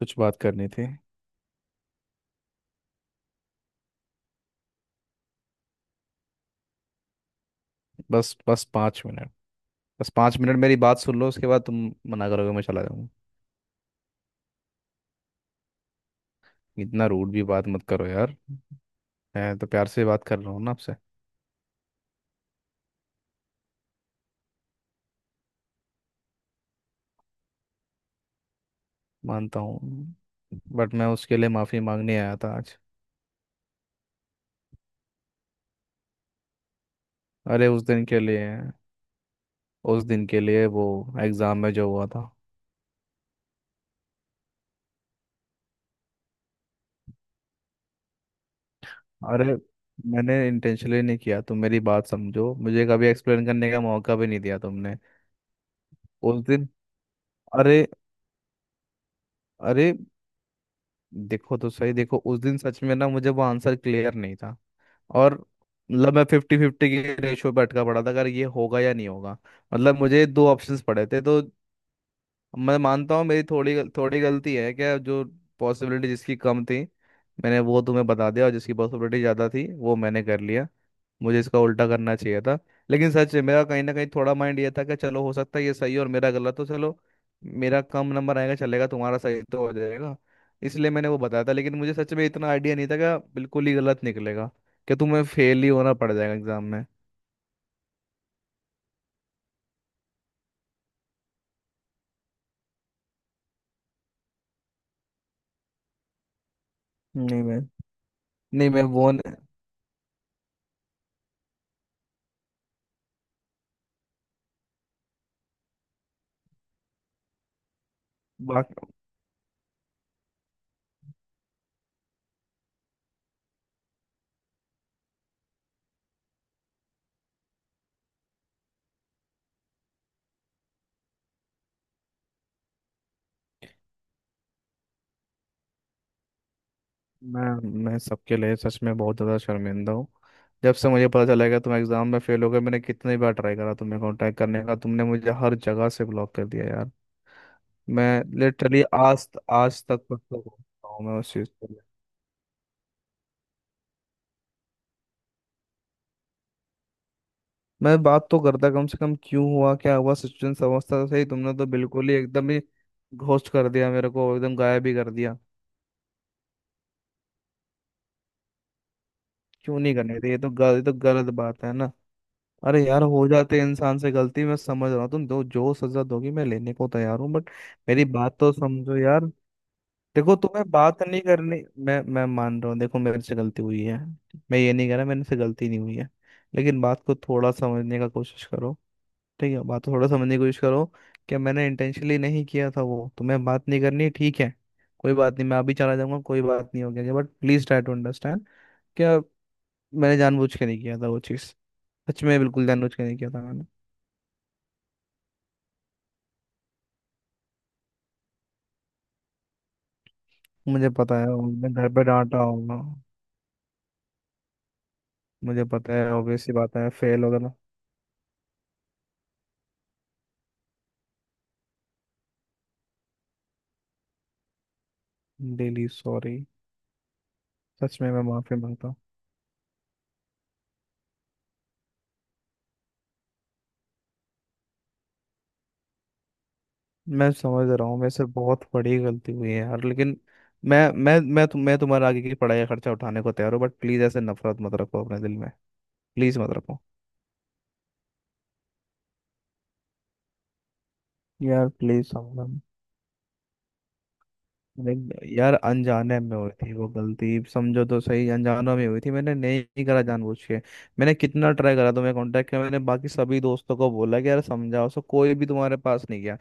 कुछ बात करनी थी। बस बस 5 मिनट। बस पाँच मिनट मेरी बात सुन लो, उसके बाद तुम मना करोगे मैं चला जाऊंगा। इतना रूड भी बात मत करो यार। मैं तो प्यार से बात कर रहा हूँ ना आपसे। मानता हूँ, बट मैं उसके लिए माफ़ी मांगने आया था आज। अरे उस दिन के लिए। उस दिन के लिए वो एग्ज़ाम में जो हुआ था। अरे, मैंने इंटेंशनली नहीं किया, तुम मेरी बात समझो। मुझे कभी एक्सप्लेन करने का मौका भी नहीं दिया तुमने। उस दिन, अरे अरे देखो तो सही। देखो उस दिन सच में ना मुझे वो आंसर क्लियर नहीं था। और मतलब मैं फिफ्टी फिफ्टी के रेशियो पे अटका पड़ा था, अगर ये होगा या नहीं होगा। मतलब मुझे 2 ऑप्शंस पड़े थे तो। मैं मानता हूँ मेरी थोड़ी गलती है क्या जो पॉसिबिलिटी जिसकी कम थी मैंने वो तुम्हें बता दिया, और जिसकी पॉसिबिलिटी ज़्यादा थी वो मैंने कर लिया। मुझे इसका उल्टा करना चाहिए था। लेकिन सच है, मेरा कहीं ना कहीं थोड़ा माइंड ये था कि चलो हो सकता है ये सही है और मेरा गलत हो, चलो मेरा कम नंबर आएगा चलेगा, तुम्हारा सही तो हो जाएगा। इसलिए मैंने वो बताया था, लेकिन मुझे सच में इतना आइडिया नहीं था कि बिल्कुल ही गलत निकलेगा, कि तुम्हें फेल ही होना पड़ जाएगा एग्जाम में। नहीं मैं नहीं मैं वो बाकी मैं मैं सबके लिए सच में बहुत ज़्यादा शर्मिंदा हूँ। जब से मुझे पता चला कि तुम एग्ज़ाम में फेल हो गए, मैंने कितनी बार ट्राई करा तुम्हें कांटेक्ट करने का, तुमने मुझे हर जगह से ब्लॉक कर दिया यार। मैं लिटरली आज आज तक पछता हूँ मैं उस चीज़ के लिए। मैं बात तो करता कम से कम, क्यों हुआ क्या हुआ सिचुएशन समझता तो सही। तुमने तो बिल्कुल ही एकदम ही घोस्ट कर दिया मेरे को, एकदम गायब ही कर दिया। क्यों नहीं करने थे? ये तो गलत बात है ना। अरे यार, हो जाते हैं इंसान से गलती। मैं समझ रहा हूँ, तुम दो जो सजा दोगी मैं लेने को तैयार हूँ, बट मेरी बात तो समझो यार। देखो, तुम्हें बात नहीं करनी। मैं मान रहा हूँ, देखो मेरे से गलती हुई है। मैं ये नहीं कह रहा मेरे से गलती नहीं हुई है। लेकिन बात को थोड़ा समझने का कोशिश करो। ठीक है, बात को थोड़ा समझने की कोशिश करो कि मैंने इंटेंशनली नहीं किया था वो। तुम्हें बात नहीं करनी, ठीक है, कोई बात नहीं, मैं अभी चला जाऊंगा, कोई बात नहीं हो गया, but please try to understand क्या। मैंने जानबूझ के नहीं किया था वो चीज़। सच में बिल्कुल जानबूझ के नहीं किया था मैंने। मुझे पता है उनने घर पे डांटा होगा। मुझे पता है, ऑब्वियस सी बात है, फेल हो गया ना। डेली सॉरी। सच में मैं माफी मांगता हूँ। मैं समझ रहा हूँ मेरे से बहुत बड़ी गलती हुई है यार, लेकिन मैं तुम्हारे आगे की पढ़ाई का खर्चा उठाने को तैयार हूँ, बट प्लीज ऐसे नफरत मत रखो अपने दिल में। प्लीज मत रखो। यार प्लीज समझो। यार अनजाने में हुई थी वो गलती। समझो तो सही, अनजानों में हुई थी, मैंने नहीं करा जानबूझ के। मैंने कितना ट्राई करा, तुम्हें कांटेक्ट किया, मैंने बाकी सभी दोस्तों को बोला कि यार समझाओ, सो कोई भी तुम्हारे पास नहीं गया।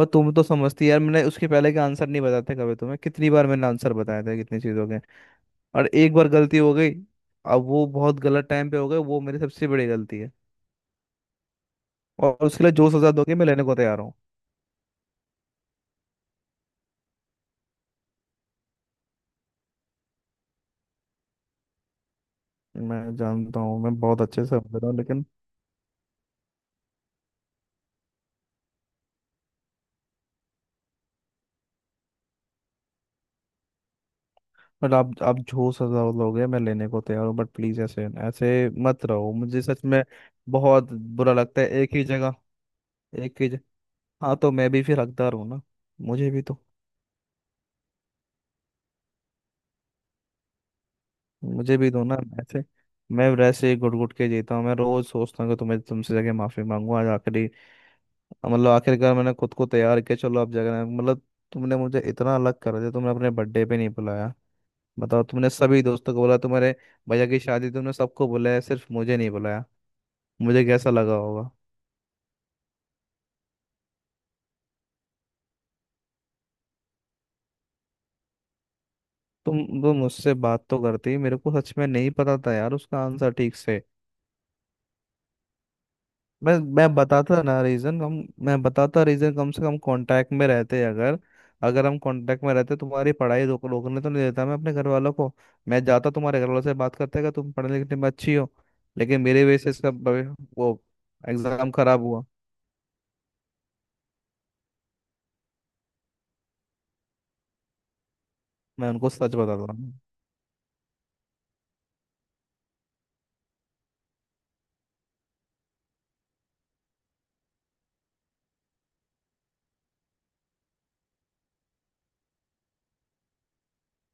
और तुम तो समझती यार, मैंने उसके पहले के आंसर नहीं बताते कभी तुम्हें? कितनी बार मैंने आंसर बताया था कितनी चीज़ों के। और एक बार गलती हो गई, अब वो बहुत गलत टाइम पे हो गए, वो मेरी सबसे बड़ी गलती है। और उसके लिए जो सजा दोगे मैं लेने को तैयार हूँ। मैं जानता हूँ, मैं बहुत अच्छे से समझ रहा हूँ लेकिन। बट आप जो सजा लोगे मैं लेने को तैयार हूँ, बट प्लीज ऐसे ऐसे मत रहो मुझे। सच में बहुत बुरा लगता है। एक ही जगह। एक ही जगह। हाँ तो मैं भी फिर हकदार हूँ ना, मुझे भी तो। मुझे भी दो ना ऐसे। मैं वैसे ही घुट घुट के जीता हूँ। मैं रोज सोचता हूँ कि तुम्हें, तुमसे जगह माफी मांगू। आज आखिरी, मतलब आखिरकार मैंने खुद को तैयार किया, चलो अब जगह मतलब। तुमने मुझे इतना अलग कर दिया, तुमने अपने बर्थडे पे नहीं बुलाया, बताओ। तुमने सभी दोस्तों को बोला तुम्हारे भैया की शादी, तुमने सबको बुलाया, सिर्फ मुझे नहीं बुलाया। मुझे कैसा लगा होगा? तुम वो मुझसे बात तो करती। मेरे को सच में नहीं पता था यार उसका आंसर ठीक से। मैं बताता ना रीजन। हम मैं बताता रीजन, कम से कम कांटेक्ट में रहते। अगर अगर हम कांटेक्ट में रहते, तुम्हारी पढ़ाई रोकने तो नहीं देता मैं अपने घर वालों को। मैं जाता तुम्हारे घर वालों से बात करते कि तुम पढ़ने लिखने में अच्छी हो, लेकिन मेरे वजह से इसका वो एग्जाम खराब हुआ। मैं उनको सच बताता हूँ।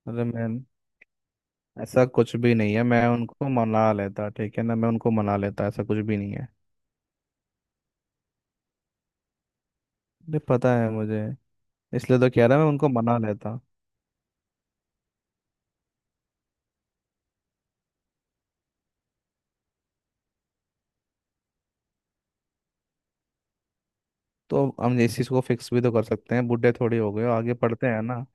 अरे मैन, ऐसा कुछ भी नहीं है, मैं उनको मना लेता, ठीक है ना? मैं उनको मना लेता, ऐसा कुछ भी नहीं है। अरे पता है मुझे, इसलिए तो कह रहा मैं उनको मना लेता। तो हम इस चीज़ को फिक्स भी तो कर सकते हैं, बूढ़े थोड़ी हो गए हो, आगे पढ़ते हैं ना।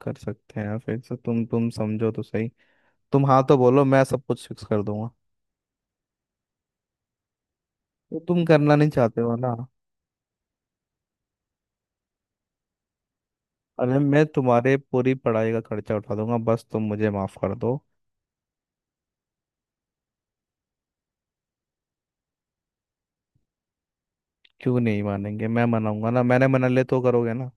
कर सकते हैं फिक्स, तुम समझो तो सही। तुम हाँ तो बोलो, मैं सब कुछ फिक्स कर दूंगा। तो तुम करना नहीं चाहते हो ना? अरे मैं तुम्हारे पूरी पढ़ाई का खर्चा उठा दूंगा, बस तुम मुझे माफ कर दो। क्यों नहीं मानेंगे? मैं मनाऊंगा ना, मैंने मना ले तो करोगे ना?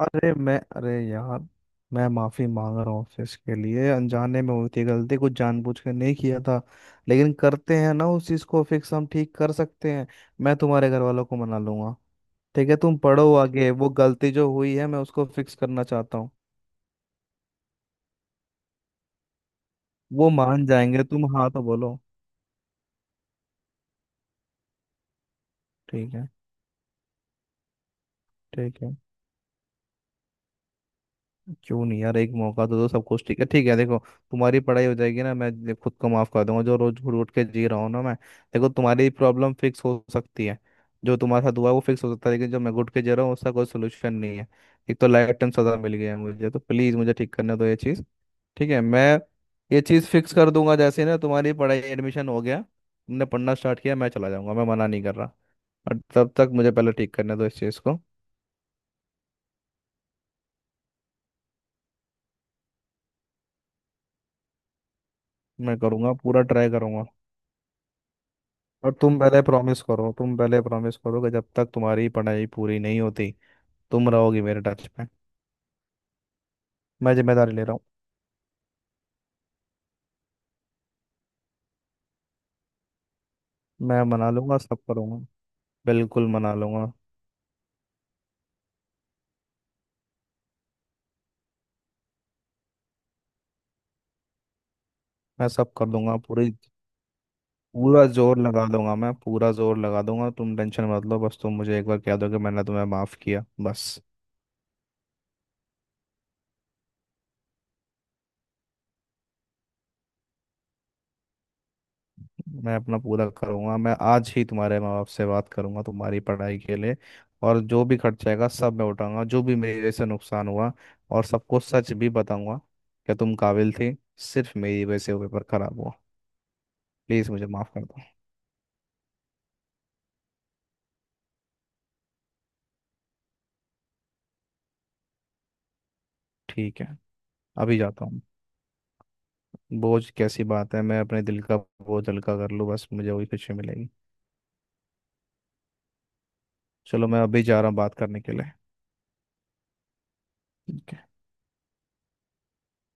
अरे यार, मैं माफी मांग रहा हूँ आपसे इसके लिए। अनजाने में हुई थी गलती, कुछ जानबूझ के नहीं किया था। लेकिन करते हैं ना उस चीज को फिक्स, हम ठीक कर सकते हैं। मैं तुम्हारे घर वालों को मना लूंगा। ठीक है, तुम पढ़ो आगे। वो गलती जो हुई है मैं उसको फिक्स करना चाहता हूँ। वो मान जाएंगे, तुम हाँ तो बोलो। ठीक है, ठीक है। क्यों नहीं यार, एक मौका तो दो, सब कुछ ठीक है। ठीक है देखो, तुम्हारी पढ़ाई हो जाएगी ना, मैं खुद को माफ कर दूंगा जो रोज घूट घूट के जी रहा हूँ ना मैं। देखो तुम्हारी प्रॉब्लम फिक्स हो सकती है, जो तुम्हारे साथ हुआ है वो फिक्स हो सकता है, लेकिन जो मैं घुट के जी रहा हूँ उसका कोई सोल्यूशन नहीं है। एक तो लाइफ टाइम सजा मिल गया है मुझे तो, प्लीज मुझे ठीक करने दो ये चीज। ठीक है, मैं ये चीज फिक्स कर दूंगा। जैसे ही ना तुम्हारी पढ़ाई, एडमिशन हो गया, तुमने पढ़ना स्टार्ट किया, मैं चला जाऊंगा, मैं मना नहीं कर रहा। और तब तक मुझे पहले ठीक करने दो इस चीज को। मैं करूंगा, पूरा ट्राई करूंगा। और तुम पहले प्रॉमिस करो, तुम पहले प्रॉमिस करो कि जब तक तुम्हारी पढ़ाई पूरी नहीं होती, तुम रहोगी मेरे टच में। मैं जिम्मेदारी ले रहा हूँ। मैं मना लूंगा, सब करूंगा, बिल्कुल मना लूंगा। मैं सब कर दूंगा पूरी। पूरा जोर लगा दूंगा, मैं पूरा जोर लगा दूंगा, तुम टेंशन मत लो, बस तुम मुझे एक बार कह दो कि मैंने तुम्हें माफ किया, बस। मैं अपना पूरा करूंगा। मैं आज ही तुम्हारे माँ बाप से बात करूंगा तुम्हारी पढ़ाई के लिए, और जो भी खर्चा आएगा सब मैं उठाऊंगा, जो भी मेरे से नुकसान हुआ। और सबको सच भी बताऊंगा कि तुम काबिल थे, सिर्फ मेरी वजह से वो पेपर खराब हुआ। प्लीज़ मुझे माफ़ कर दो। ठीक है, अभी जाता हूँ। बोझ कैसी बात है? मैं अपने दिल का बोझ हल्का कर लूँ, बस मुझे वही खुशी मिलेगी। चलो मैं अभी जा रहा हूँ बात करने के लिए। ठीक है।